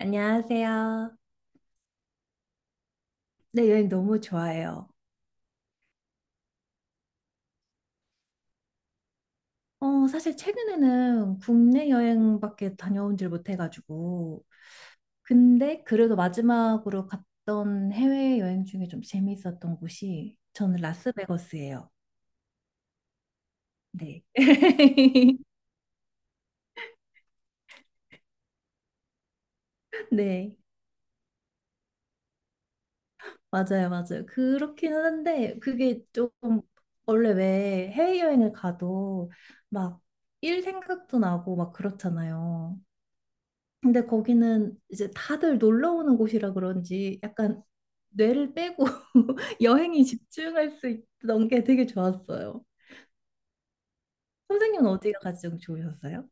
안녕하세요. 네, 여행 너무 좋아해요. 사실 최근에는 국내 여행밖에 다녀온질 못해가지고. 근데 그래도 마지막으로 갔던 해외 여행 중에 좀 재미있었던 곳이 저는 라스베거스예요. 네. 네. 맞아요, 맞아요. 그렇긴 한데 그게 좀 원래 왜 해외여행을 가도 막 일 생각도 나고 막 그렇잖아요. 근데 거기는 이제 다들 놀러 오는 곳이라 그런지 약간 뇌를 빼고 여행이 집중할 수 있던 게 되게 좋았어요. 선생님은 어디가 가장 좋으셨어요?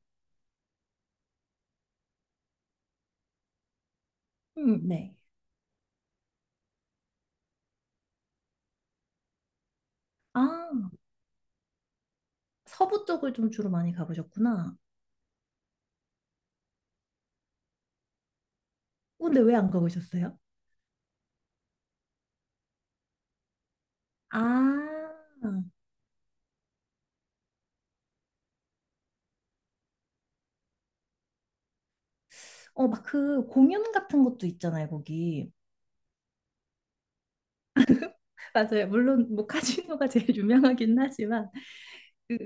네. 아, 서부 쪽을 좀 주로 많이 가보셨구나. 근데 왜 안 가보셨어요? 아, 막 그 공연 같은 것도 있잖아요, 거기. 맞아요. 물론 뭐 카지노가 제일 유명하긴 하지만 그,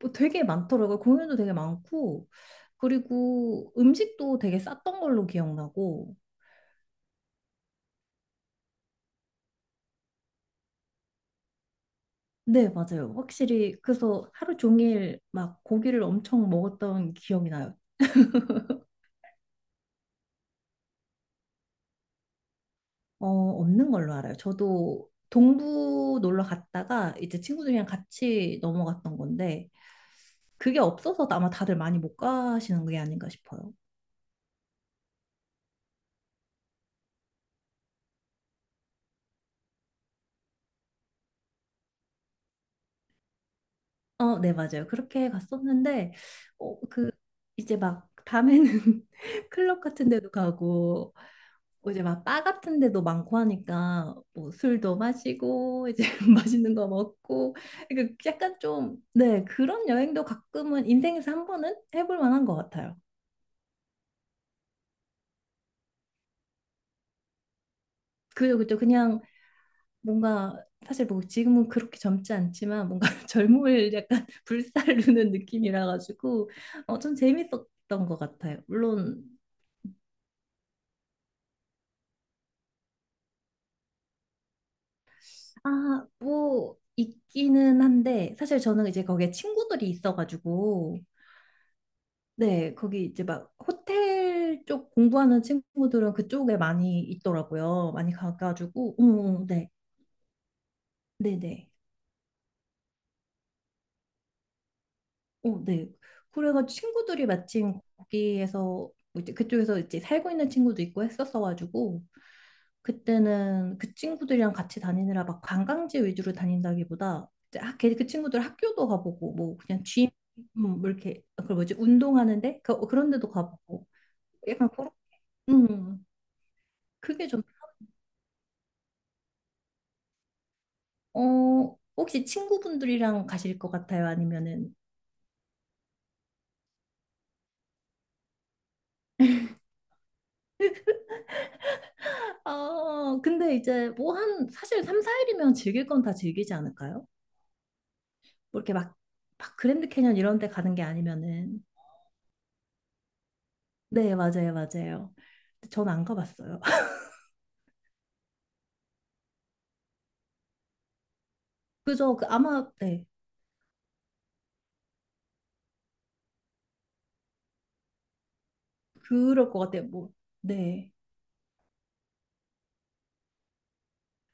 뭐 되게 많더라고요. 공연도 되게 많고, 그리고 음식도 되게 쌌던 걸로 기억나고. 네, 맞아요. 확실히. 그래서 하루 종일 막 고기를 엄청 먹었던 기억이 나요. 없는 걸로 알아요. 저도 동부 놀러 갔다가 이제 친구들이랑 같이 넘어갔던 건데, 그게 없어서 아마 다들 많이 못 가시는 게 아닌가 싶어요. 어, 네, 맞아요. 그렇게 갔었는데, 어, 그, 이제 막 밤에는 클럽 같은 데도 가고 뭐 이제 막 바 같은 데도 많고 하니까 뭐 술도 마시고 이제 맛있는 거 먹고 그러니까 약간 좀 네 그런 여행도 가끔은 인생에서 한 번은 해볼 만한 것 같아요. 그죠 그죠 그냥 뭔가 사실 뭐 지금은 그렇게 젊지 않지만 뭔가 젊음을 약간 불살르는 느낌이라 가지고 좀 재밌었던 것 같아요. 물론 아 뭐 있기는 한데 사실 저는 이제 거기에 친구들이 있어가지고 네, 거기 이제 막 호텔 쪽 공부하는 친구들은 그쪽에 많이 있더라고요. 많이 가가지고, 네, 네, 네, 어, 네. 그래가지고 친구들이 마침 거기에서 뭐 이제 그쪽에서 이제 살고 있는 친구도 있고 했었어가지고 그때는 그 친구들이랑 같이 다니느라 막 관광지 위주로 다닌다기보다 이제 그 친구들 학교도 가보고 뭐 그냥 gym 뭐 이렇게 그 뭐지 운동하는데 그런 데도 가보고 약간 그런 음 그게 좀. 혹시 친구분들이랑 가실 것 같아요? 아니면은, 근데 이제 뭐 사실 3, 4일이면 즐길 건 다 즐기지 않을까요? 뭐 이렇게 막 그랜드 캐년 이런 데 가는 게 아니면은. 네, 맞아요, 맞아요. 전 안 가봤어요. 그죠? 아마, 네, 그럴 것 같아요. 뭐, 네.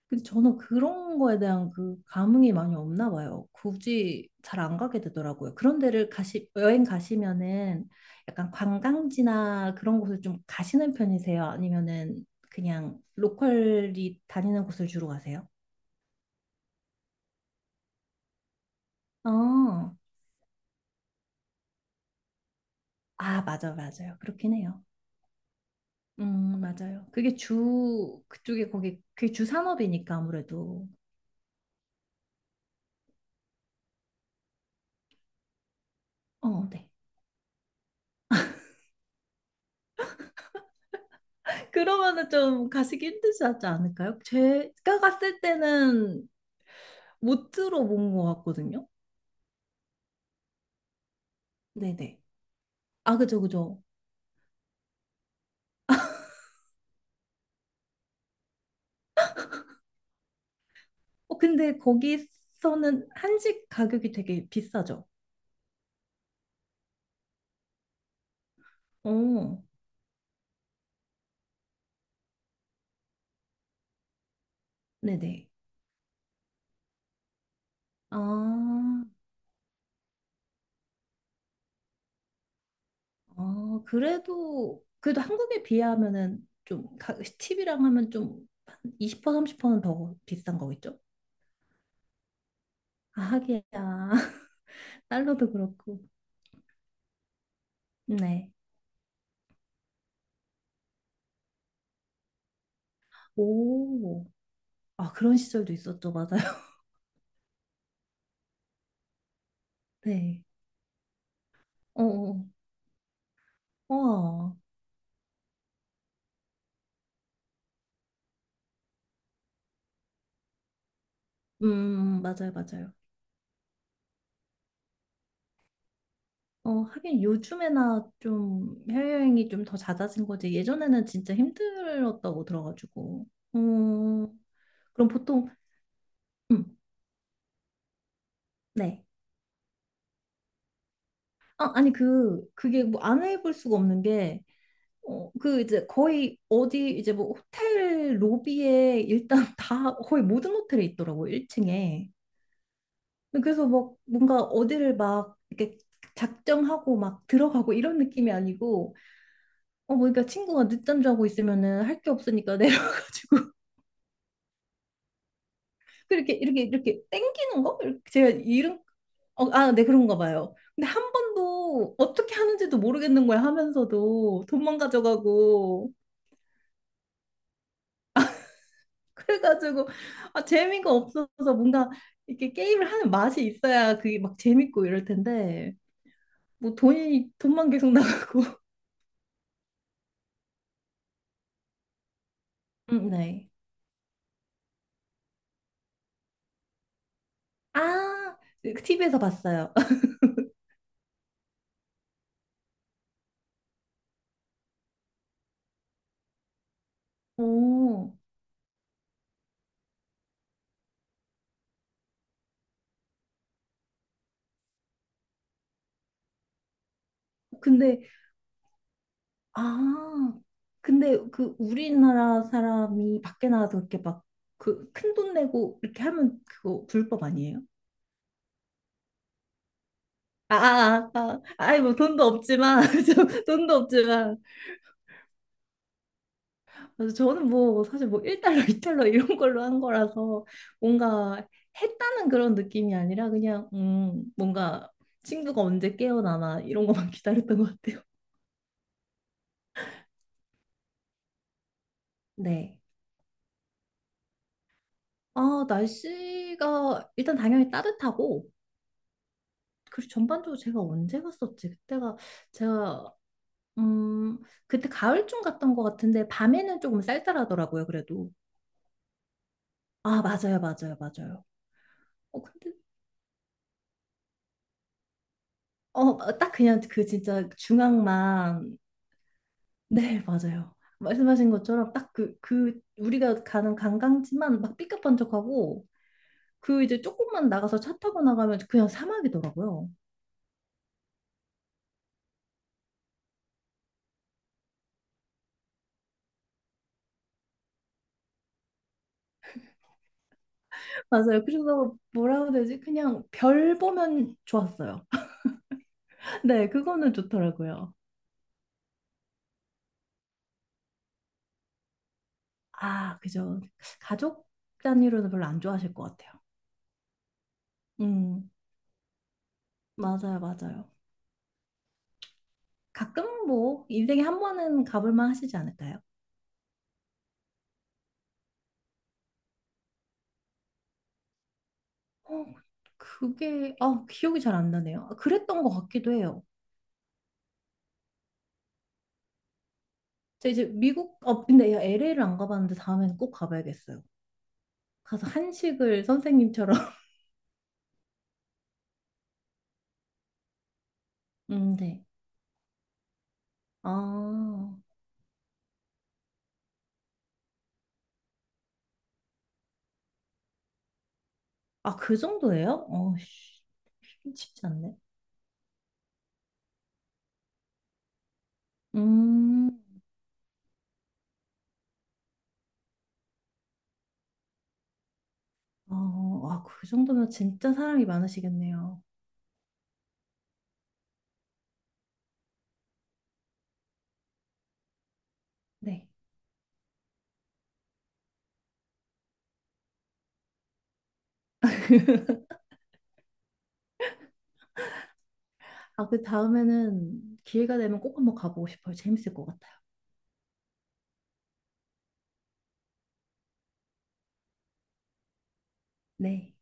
근데 저는 그런 거에 대한 그 감흥이 많이 없나 봐요. 굳이 잘 안 가게 되더라고요. 그런 데를 여행 가시면은 약간 관광지나 그런 곳을 좀 가시는 편이세요? 아니면은 그냥 로컬이 다니는 곳을 주로 가세요? 어, 아, 맞아, 맞아요. 그렇긴 해요. 맞아요. 그게 주 산업이니까 아무래도. 어, 네. 그러면은 좀 가시기 힘들지 않지 않을까요? 제가 갔을 때는 못 들어본 것 같거든요. 네네. 아, 그죠, 그죠. 근데 거기서는 한식 가격이 되게 비싸죠. 어, 네네. 아, 아, 그래도 한국에 비하면은 좀, 팁이랑 하면 좀, 한 20% 30%는 더 비싼 거겠죠? 아, 하기야. 달러도 그렇고. 네. 오, 아, 그런 시절도 있었죠. 맞아요. 네. 어, 어, 우와 맞아요, 맞아요. 하긴 요즘에나 좀 해외여행이 좀 더 잦아진 거지. 예전에는 진짜 힘들었다고 들어가지고. 음, 그럼 보통, 음, 네. 아, 아니, 그게 뭐 안 해볼 수가 없는 게, 그 이제 거의 어디 이제 뭐 호텔 로비에 일단 다 거의 모든 호텔에 있더라고요, 1층에. 그래서 막 뭔가 어디를 막 이렇게 작정하고 막 들어가고 이런 느낌이 아니고, 뭐, 그러니까 친구가 늦잠 자고 있으면은 할 게 없으니까 내려가지고. 그렇게 이렇게 땡기는 거? 이렇게 제가 이런 아, 네 그런가 봐요. 근데 한 번도 어떻게 하는지도 모르겠는 거야 하면서도 돈만 가져가고 그래가지고 아, 재미가 없어서 뭔가 이렇게 게임을 하는 맛이 있어야 그게 막 재밌고 이럴 텐데 뭐 돈이 돈만 계속 나가고. 네. 아, TV에서 봤어요. 오, 근데 아, 근데 그 우리나라 사람이 밖에 나가서 그렇게 막 그 큰 돈 내고 이렇게 하면 그거 불법 아니에요? 아, 아, 아, 아, 아이 뭐 돈도 없지만 저 돈도 없지만 그래서 저는 뭐 사실 뭐 1달러, 2달러 이런 걸로 한 거라서 뭔가 했다는 그런 느낌이 아니라 그냥 뭔가 친구가 언제 깨어나나 이런 것만 기다렸던 것 같아요. 네. 아, 날씨가 일단 당연히 따뜻하고 그리고 전반적으로 제가 언제 갔었지? 그때가 제가 음 그때 가을쯤 갔던 것 같은데 밤에는 조금 쌀쌀하더라고요. 그래도 아 맞아요, 맞아요, 맞아요. 근데 딱 그냥 그 진짜 중앙만 네 맞아요. 말씀하신 것처럼 딱 그 우리가 가는 관광지만 막 삐까뻔쩍하고 그 이제 조금만 나가서 차 타고 나가면 그냥 사막이더라고요. 맞아요. 그래서 뭐라고 해야 되지? 그냥 별 보면 좋았어요. 네, 그거는 좋더라고요. 아, 그죠. 가족 단위로는 별로 안 좋아하실 것 같아요. 음, 맞아요, 맞아요. 가끔 뭐 인생에 한 번은 가볼 만 하시지 않을까요? 어, 그게 아, 기억이 잘 안 나네요. 아, 그랬던 것 같기도 해요. 제가 이제 미국 근데 LA를 안 가봤는데 다음에는 꼭 가봐야겠어요. 가서 한식을 선생님처럼. 네. 아, 아, 그 정도예요? 씨, 쉽지 않네. 음, 아, 그 정도면 진짜 사람이 많으시겠네요. 네. 아, 그 다음에는 기회가 되면 꼭 한번 가보고 싶어요. 재밌을 것 같아요. 네.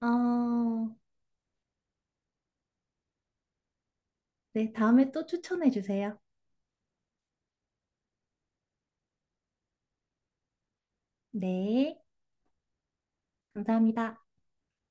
어, 네, 다음에 또 추천해 주세요. 네, 감사합니다.